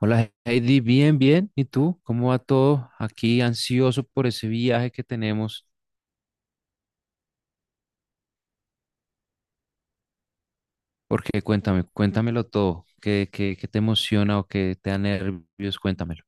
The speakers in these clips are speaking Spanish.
Hola Heidi, bien, bien. ¿Y tú? ¿Cómo va todo? Aquí ansioso por ese viaje que tenemos. Porque cuéntame, cuéntamelo todo. ¿Qué te emociona o qué te da nervios? Cuéntamelo.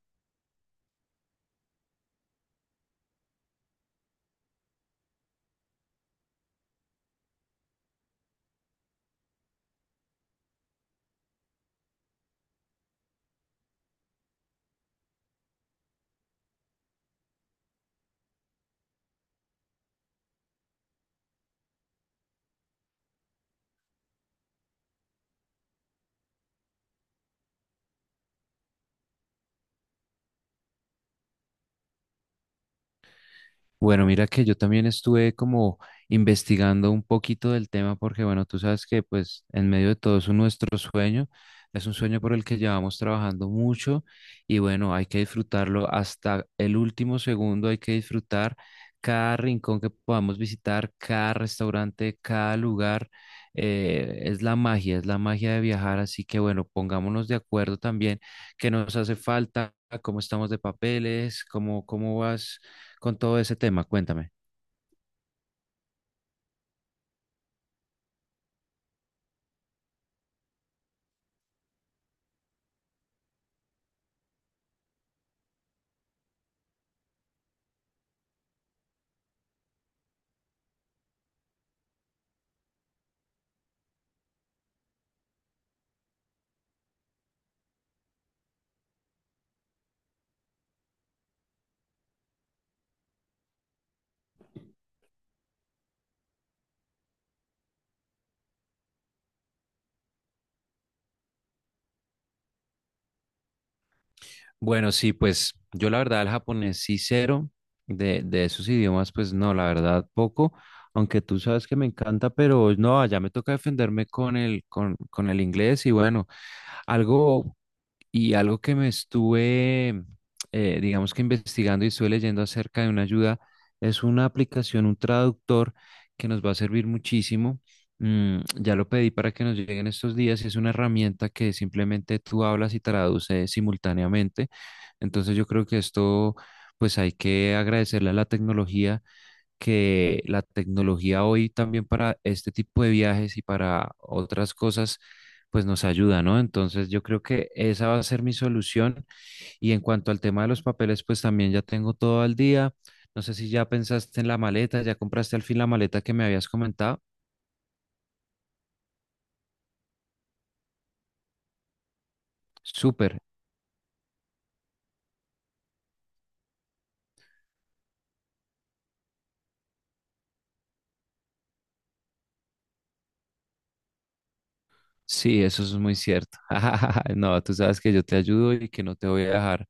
Bueno, mira que yo también estuve como investigando un poquito del tema porque, bueno, tú sabes que pues en medio de todo eso nuestro sueño es un sueño por el que llevamos trabajando mucho y bueno, hay que disfrutarlo hasta el último segundo, hay que disfrutar cada rincón que podamos visitar, cada restaurante, cada lugar. Es la magia, es la magia de viajar, así que bueno, pongámonos de acuerdo también qué nos hace falta, cómo estamos de papeles, cómo vas con todo ese tema. Cuéntame. Bueno, sí, pues yo la verdad el japonés sí cero, de esos idiomas pues no, la verdad poco, aunque tú sabes que me encanta, pero no, ya me toca defenderme con con el inglés y bueno, algo. Y algo que me estuve, digamos que investigando y estuve leyendo acerca de una ayuda, es una aplicación, un traductor que nos va a servir muchísimo. Mm, ya lo pedí para que nos lleguen estos días y es una herramienta que simplemente tú hablas y traduce simultáneamente. Entonces yo creo que esto, pues hay que agradecerle a la tecnología, que la tecnología hoy también para este tipo de viajes y para otras cosas, pues nos ayuda, ¿no? Entonces yo creo que esa va a ser mi solución. Y en cuanto al tema de los papeles, pues también ya tengo todo al día. No sé si ya pensaste en la maleta, ya compraste al fin la maleta que me habías comentado. Súper. Sí, eso es muy cierto. No, tú sabes que yo te ayudo y que no te voy a dejar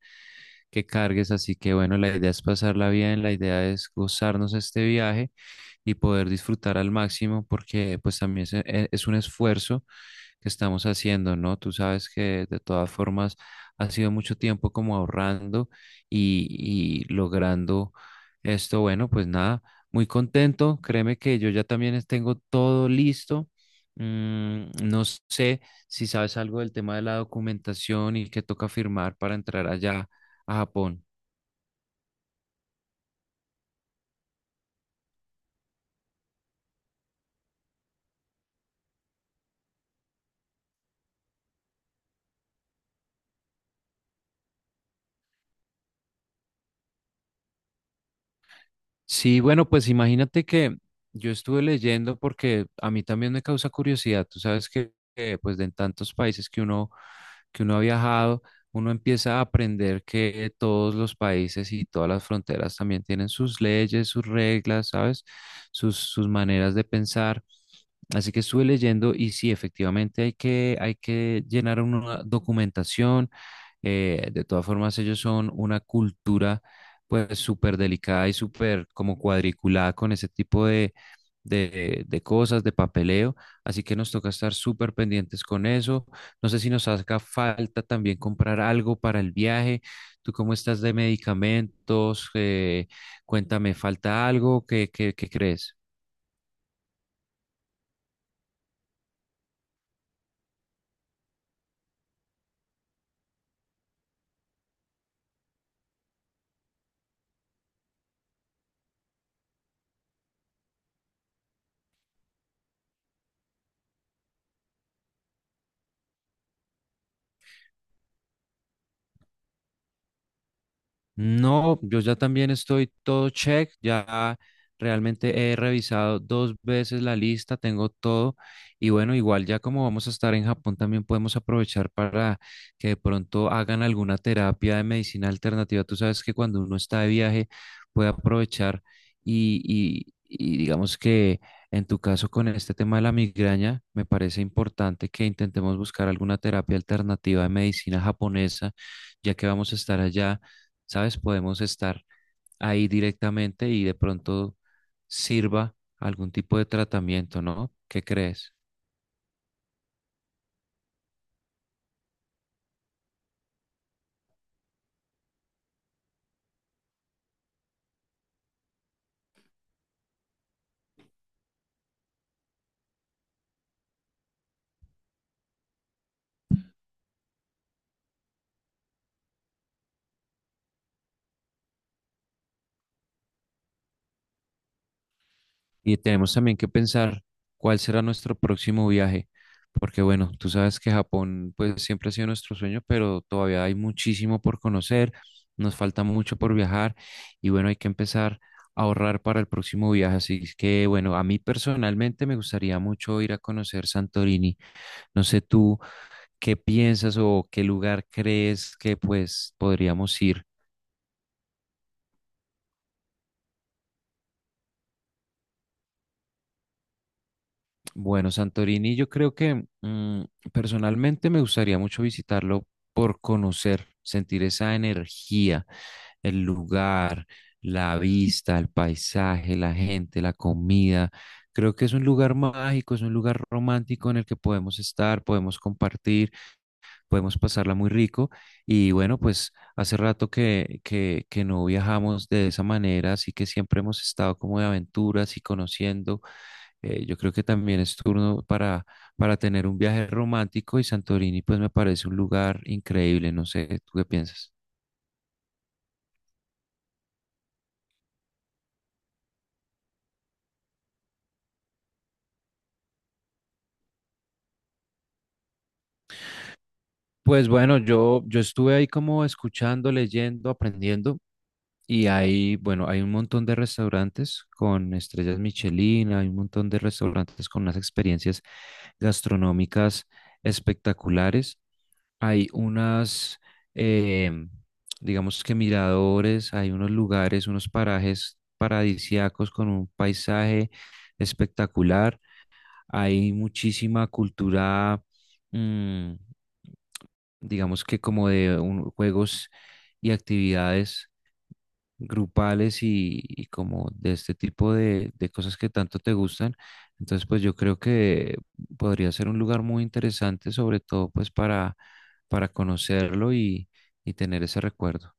que cargues, así que bueno, la idea es pasarla bien, la idea es gozarnos este viaje y poder disfrutar al máximo porque pues también es un esfuerzo que estamos haciendo, ¿no? Tú sabes que de todas formas ha sido mucho tiempo como ahorrando y logrando esto. Bueno, pues nada, muy contento. Créeme que yo ya también tengo todo listo. Mm, no sé si sabes algo del tema de la documentación y que toca firmar para entrar allá a Japón. Sí, bueno, pues imagínate que yo estuve leyendo porque a mí también me causa curiosidad. Tú sabes que, pues, de en tantos países que uno ha viajado, uno empieza a aprender que todos los países y todas las fronteras también tienen sus leyes, sus reglas, ¿sabes? Sus maneras de pensar. Así que estuve leyendo y sí, efectivamente hay que llenar una documentación. De todas formas, ellos son una cultura pues súper delicada y súper como cuadriculada con ese tipo de cosas, de papeleo. Así que nos toca estar súper pendientes con eso. No sé si nos haga falta también comprar algo para el viaje. ¿Tú cómo estás de medicamentos? Cuéntame, ¿falta algo? ¿Qué crees? No, yo ya también estoy todo check, ya realmente he revisado dos veces la lista, tengo todo y bueno, igual ya como vamos a estar en Japón también podemos aprovechar para que de pronto hagan alguna terapia de medicina alternativa. Tú sabes que cuando uno está de viaje puede aprovechar y, y digamos que en tu caso con este tema de la migraña me parece importante que intentemos buscar alguna terapia alternativa de medicina japonesa ya que vamos a estar allá, ¿sabes? Podemos estar ahí directamente y de pronto sirva algún tipo de tratamiento, ¿no? ¿Qué crees? Y tenemos también que pensar cuál será nuestro próximo viaje, porque bueno, tú sabes que Japón pues siempre ha sido nuestro sueño, pero todavía hay muchísimo por conocer, nos falta mucho por viajar y bueno, hay que empezar a ahorrar para el próximo viaje, así es que bueno, a mí personalmente me gustaría mucho ir a conocer Santorini, no sé tú. ¿Qué piensas o qué lugar crees que pues podríamos ir? Bueno, Santorini, yo creo que mm, personalmente me gustaría mucho visitarlo por conocer, sentir esa energía, el lugar, la vista, el paisaje, la gente, la comida. Creo que es un lugar mágico, es un lugar romántico en el que podemos estar, podemos compartir, podemos pasarla muy rico. Y bueno, pues hace rato que no viajamos de esa manera, así que siempre hemos estado como de aventuras y conociendo. Yo creo que también es turno para tener un viaje romántico y Santorini pues me parece un lugar increíble, no sé, ¿tú qué piensas? Pues bueno, yo estuve ahí como escuchando, leyendo, aprendiendo. Y hay, bueno, hay un montón de restaurantes con estrellas Michelin, hay un montón de restaurantes con unas experiencias gastronómicas espectaculares. Hay unas, eh, digamos que miradores, hay unos lugares, unos parajes paradisíacos con un paisaje espectacular. Hay muchísima cultura, mm, digamos que como juegos y actividades grupales y como de este tipo de cosas que tanto te gustan. Entonces, pues yo creo que podría ser un lugar muy interesante, sobre todo pues para conocerlo y tener ese recuerdo.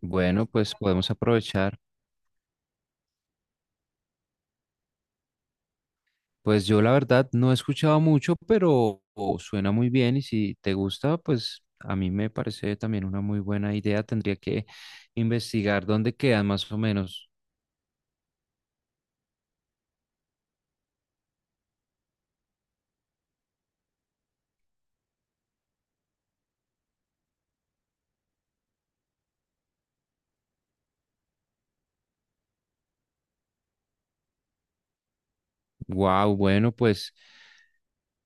Bueno, pues podemos aprovechar. Pues yo la verdad no he escuchado mucho, pero oh, suena muy bien y si te gusta, pues a mí me parece también una muy buena idea. Tendría que investigar dónde quedan más o menos. Wow, bueno, pues...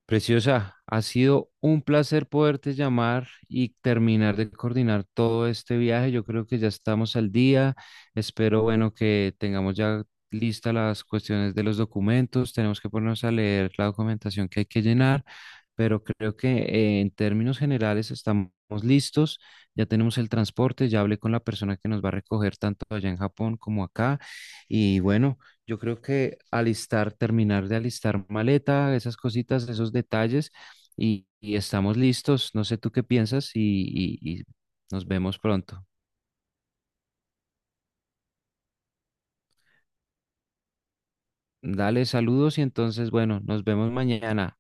Preciosa, ha sido un placer poderte llamar y terminar de coordinar todo este viaje. Yo creo que ya estamos al día. Espero, bueno, que tengamos ya listas las cuestiones de los documentos. Tenemos que ponernos a leer la documentación que hay que llenar, pero creo que en términos generales estamos listos. Ya tenemos el transporte, ya hablé con la persona que nos va a recoger tanto allá en Japón como acá. Y bueno, yo creo que terminar de alistar maleta, esas cositas, esos detalles, y estamos listos. No sé tú qué piensas y nos vemos pronto. Dale saludos y entonces, bueno, nos vemos mañana.